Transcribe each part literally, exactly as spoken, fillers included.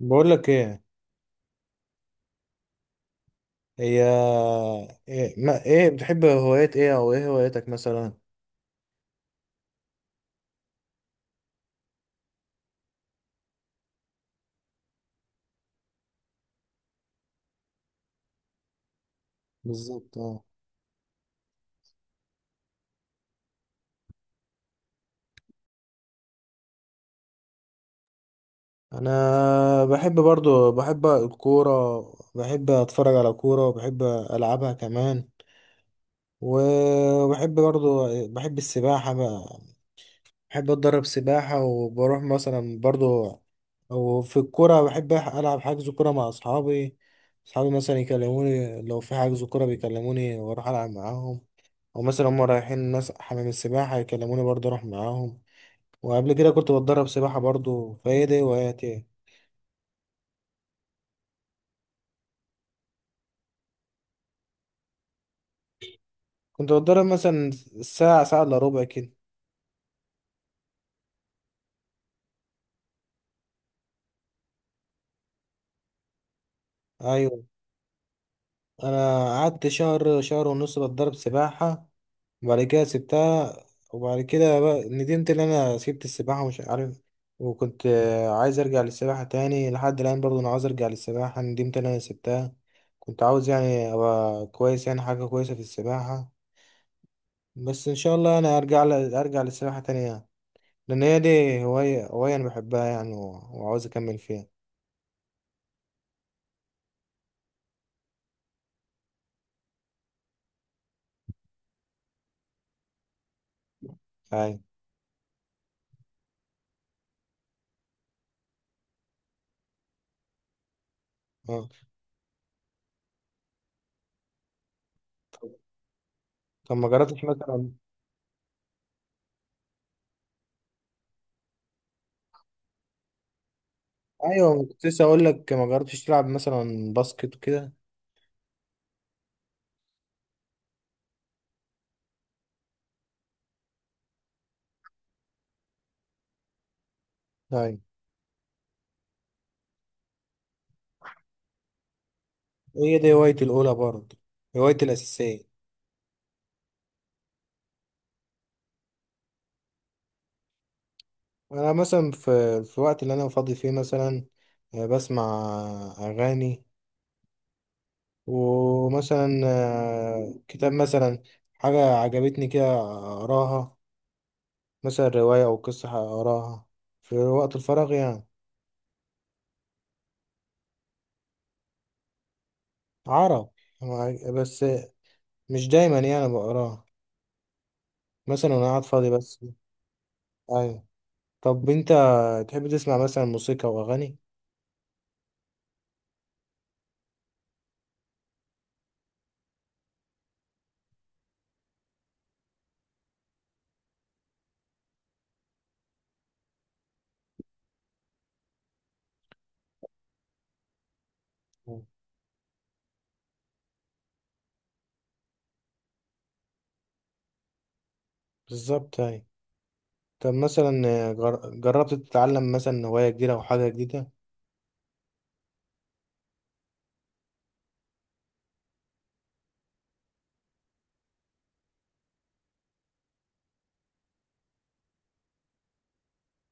بقول لك ايه؟ هي ايه؟ ما ايه بتحب هوايات ايه او ايه هواياتك مثلا؟ بالظبط، اه. انا بحب، برضو بحب الكوره، بحب اتفرج على كوره، وبحب العبها كمان. وبحب برضو، بحب السباحه بقى، بحب اتدرب سباحة وبروح مثلا برضو. وفي الكورة بحب ألعب حجز كورة مع أصحابي. أصحابي مثلا يكلموني لو في حجز كورة بيكلموني وأروح ألعب معاهم. أو مثلا هما رايحين ناس حمام السباحة يكلموني برضه أروح معاهم. وقبل كده كنت بتدرب سباحة برضه، فهي دي هواياتي. كنت بتدرب مثلا ساعة، ساعة إلا ربع كده. أيوة. أنا قعدت شهر، شهر ونص بتدرب سباحة وبعد كده سبتها. وبعد كده بقى ندمت ان انا سبت السباحة ومش عارف. وكنت آه، عايز ارجع للسباحة تاني. لحد الان برضو انا عاوز ارجع للسباحة، ندمت ان انا سبتها. كنت عاوز يعني ابقى كويس يعني حاجة كويسة في السباحة. بس ان شاء الله انا ارجع ل... ارجع للسباحة تاني يعني. لان هي دي هواية هواية انا بحبها يعني و... وعاوز اكمل فيها. ايوه. اه. طب ما جربتش مثلا؟ ايوه، كنت لسه اقول لك، ما جربتش تلعب مثلا باسكت وكده؟ ايوه، هي دي هوايتي الأولى برضه، هوايتي الأساسية. أنا مثلا في في الوقت اللي أنا فاضي فيه مثلا آه، بسمع أغاني. ومثلا آه، كتاب مثلا، حاجة عجبتني كده أقراها. مثلا رواية أو قصة أقراها في وقت الفراغ يعني. عرب، مع- بس مش دايما يعني بقراها، مثلا وأنا قاعد فاضي بس. أيوة. طب أنت تحب تسمع مثلا موسيقى وأغاني؟ بالظبط، أيوة. طب مثلا جر- جربت تتعلم مثلا هواية جديدة أو حاجة جديدة؟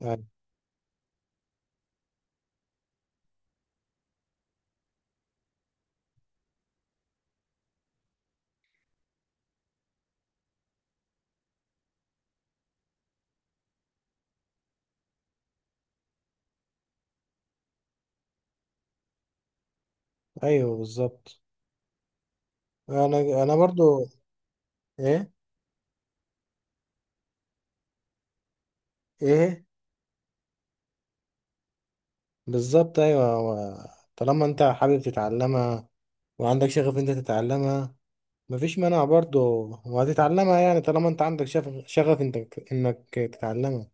يعني أيوه بالظبط. أنا أنا برضو. إيه. إيه. بالظبط، أيوه. هو طالما أنت حابب تتعلمها وعندك شغف، أنت تتعلمها، مفيش مانع برضو. وهتتعلمها يعني طالما أنت عندك شغف، شغف أنت إنك تتعلمها.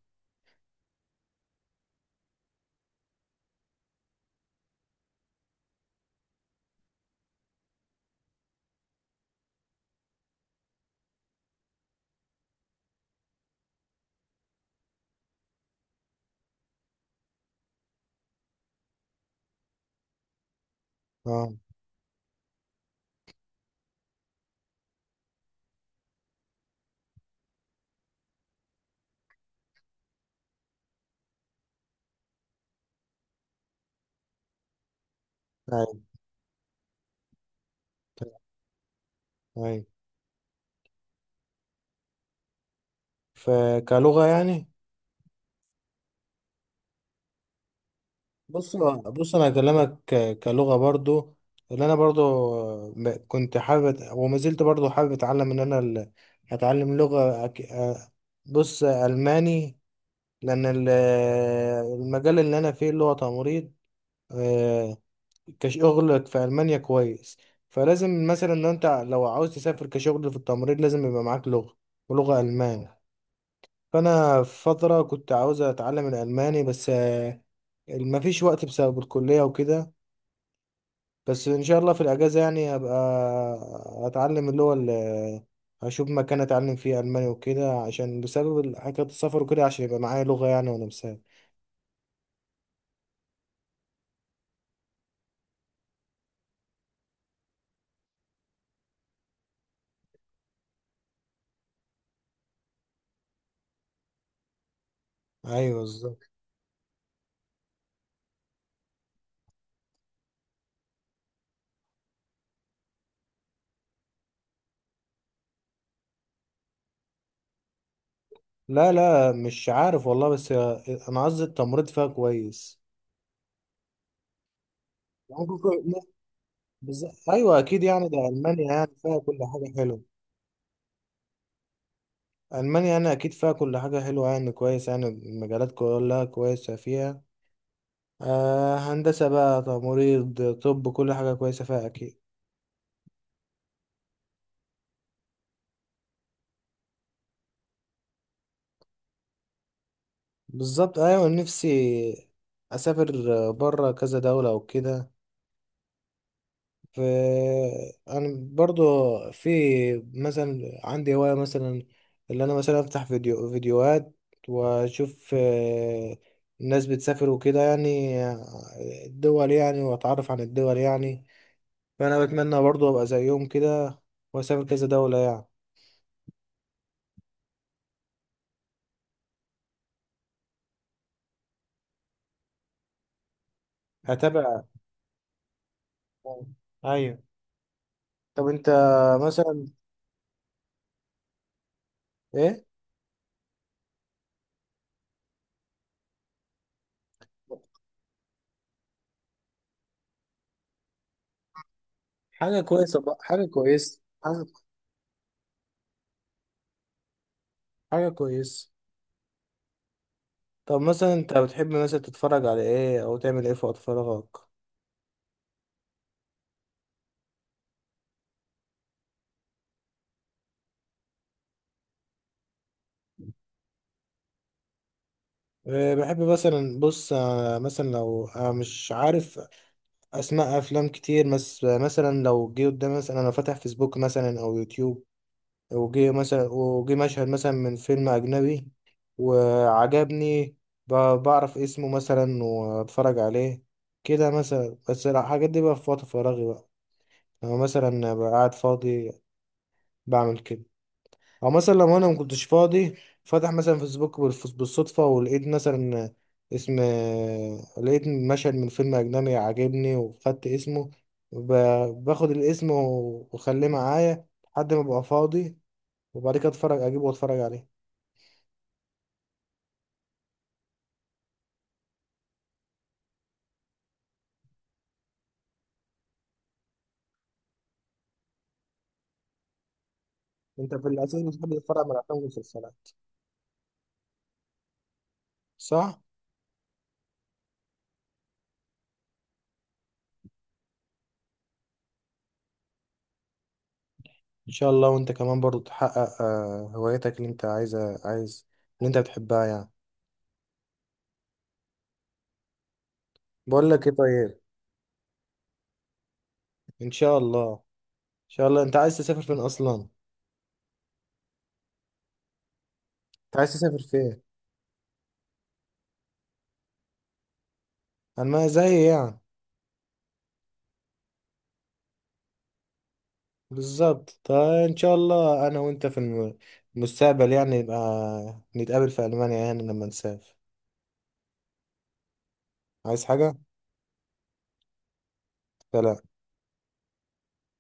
أه. أيوه. أيوه، فكلغة يعني. بص، بص انا هكلمك ك- كلغه برضو اللي انا برضو، م- كنت حابب أت- وما زلت برضو حابب اتعلم ان انا ال- اتعلم لغه أك- أ- بص الماني. لان ال- المجال اللي انا فيه اللي هو تمريض، آه، كشغل في المانيا كويس. فلازم مثلا لو انت، لو عاوز تسافر كشغل في التمريض لازم يبقى معاك لغه، ولغه المان. فانا في فتره كنت عاوز اتعلم الالماني بس آه، ما فيش وقت بسبب الكليه وكده. بس ان شاء الله في الاجازه يعني هبقى اتعلم، اللي هو اللي هشوف مكان اتعلم فيه الماني وكده، عشان بسبب حكايه السفر وكده، عشان يبقى معايا لغه يعني وانا مسافر. ايوه، بالظبط. لا لا، مش عارف والله، بس انا قصدي التمريض فيها كويس. ممكن يكون- بز- ايوه اكيد يعني، ده المانيا يعني فيها كل حاجه حلوه. المانيا انا اكيد فيها كل حاجه حلوه يعني، كويس يعني المجالات كلها كويسه فيها. آه، هندسه بقى، تمريض، طب، كل حاجه كويسه فيها اكيد. بالظبط، ايوه، نفسي اسافر بره كذا دوله وكده. ف انا برضو في، مثلا عندي هوايه مثلا، اللي انا مثلا افتح فيديو فيديوهات واشوف آه، الناس بتسافر وكده يعني، آه، الدول يعني، واتعرف عن الدول يعني. فانا بتمنى برضو ابقى زيهم كده واسافر كذا دوله يعني. هتابع. ايوه. طب انت مثلا ايه؟ حاجه كويسه بقى، حاجه كويسه، حاجة كويس. طب مثلا انت بتحب مثلا تتفرج على ايه او تعمل ايه في وقت فراغك؟ أه، بحب مثلا، بص، أه، مثلا لو أنا مش عارف اسماء افلام كتير، بس مثلا لو جه قدامي مثلا انا فاتح فيسبوك مثلا او يوتيوب، وجه مثلا، وجه مشهد مثلا من فيلم اجنبي وعجبني، ب- بعرف اسمه مثلا واتفرج عليه كده مثلا. بس الحاجات دي بقى في وقت فراغي بقى، لو مثلا بقى قاعد فاضي بعمل كده. او مثلا لو انا ما كنتش فاضي، فاتح مثلا فيسبوك بالف- بالصدفه، ولقيت مثلا اسم، لقيت مشهد من فيلم اجنبي عاجبني وخدت اسمه، ب- باخد الاسم و- واخليه معايا لحد ما ابقى فاضي، وبعد كده اتفرج، اجيبه واتفرج عليه. انت في الاساس بتحب تتفرج على افلام ومسلسلات؟ صح. ان شاء الله. وانت كمان برضو تحقق آه، هوايتك اللي انت عايزه عايز اللي انت بتحبها يعني. بقول لك ايه طيب؟ ان شاء الله ان شاء الله انت عايز تسافر فين اصلا؟ انت عايز تسافر فين؟ اما زي يعني. بالظبط، فان شاء الله انا وانت في الم- المستقبل يعني نبقى نتقابل في المانيا يعني لما نسافر. عايز حاجه؟ سلام.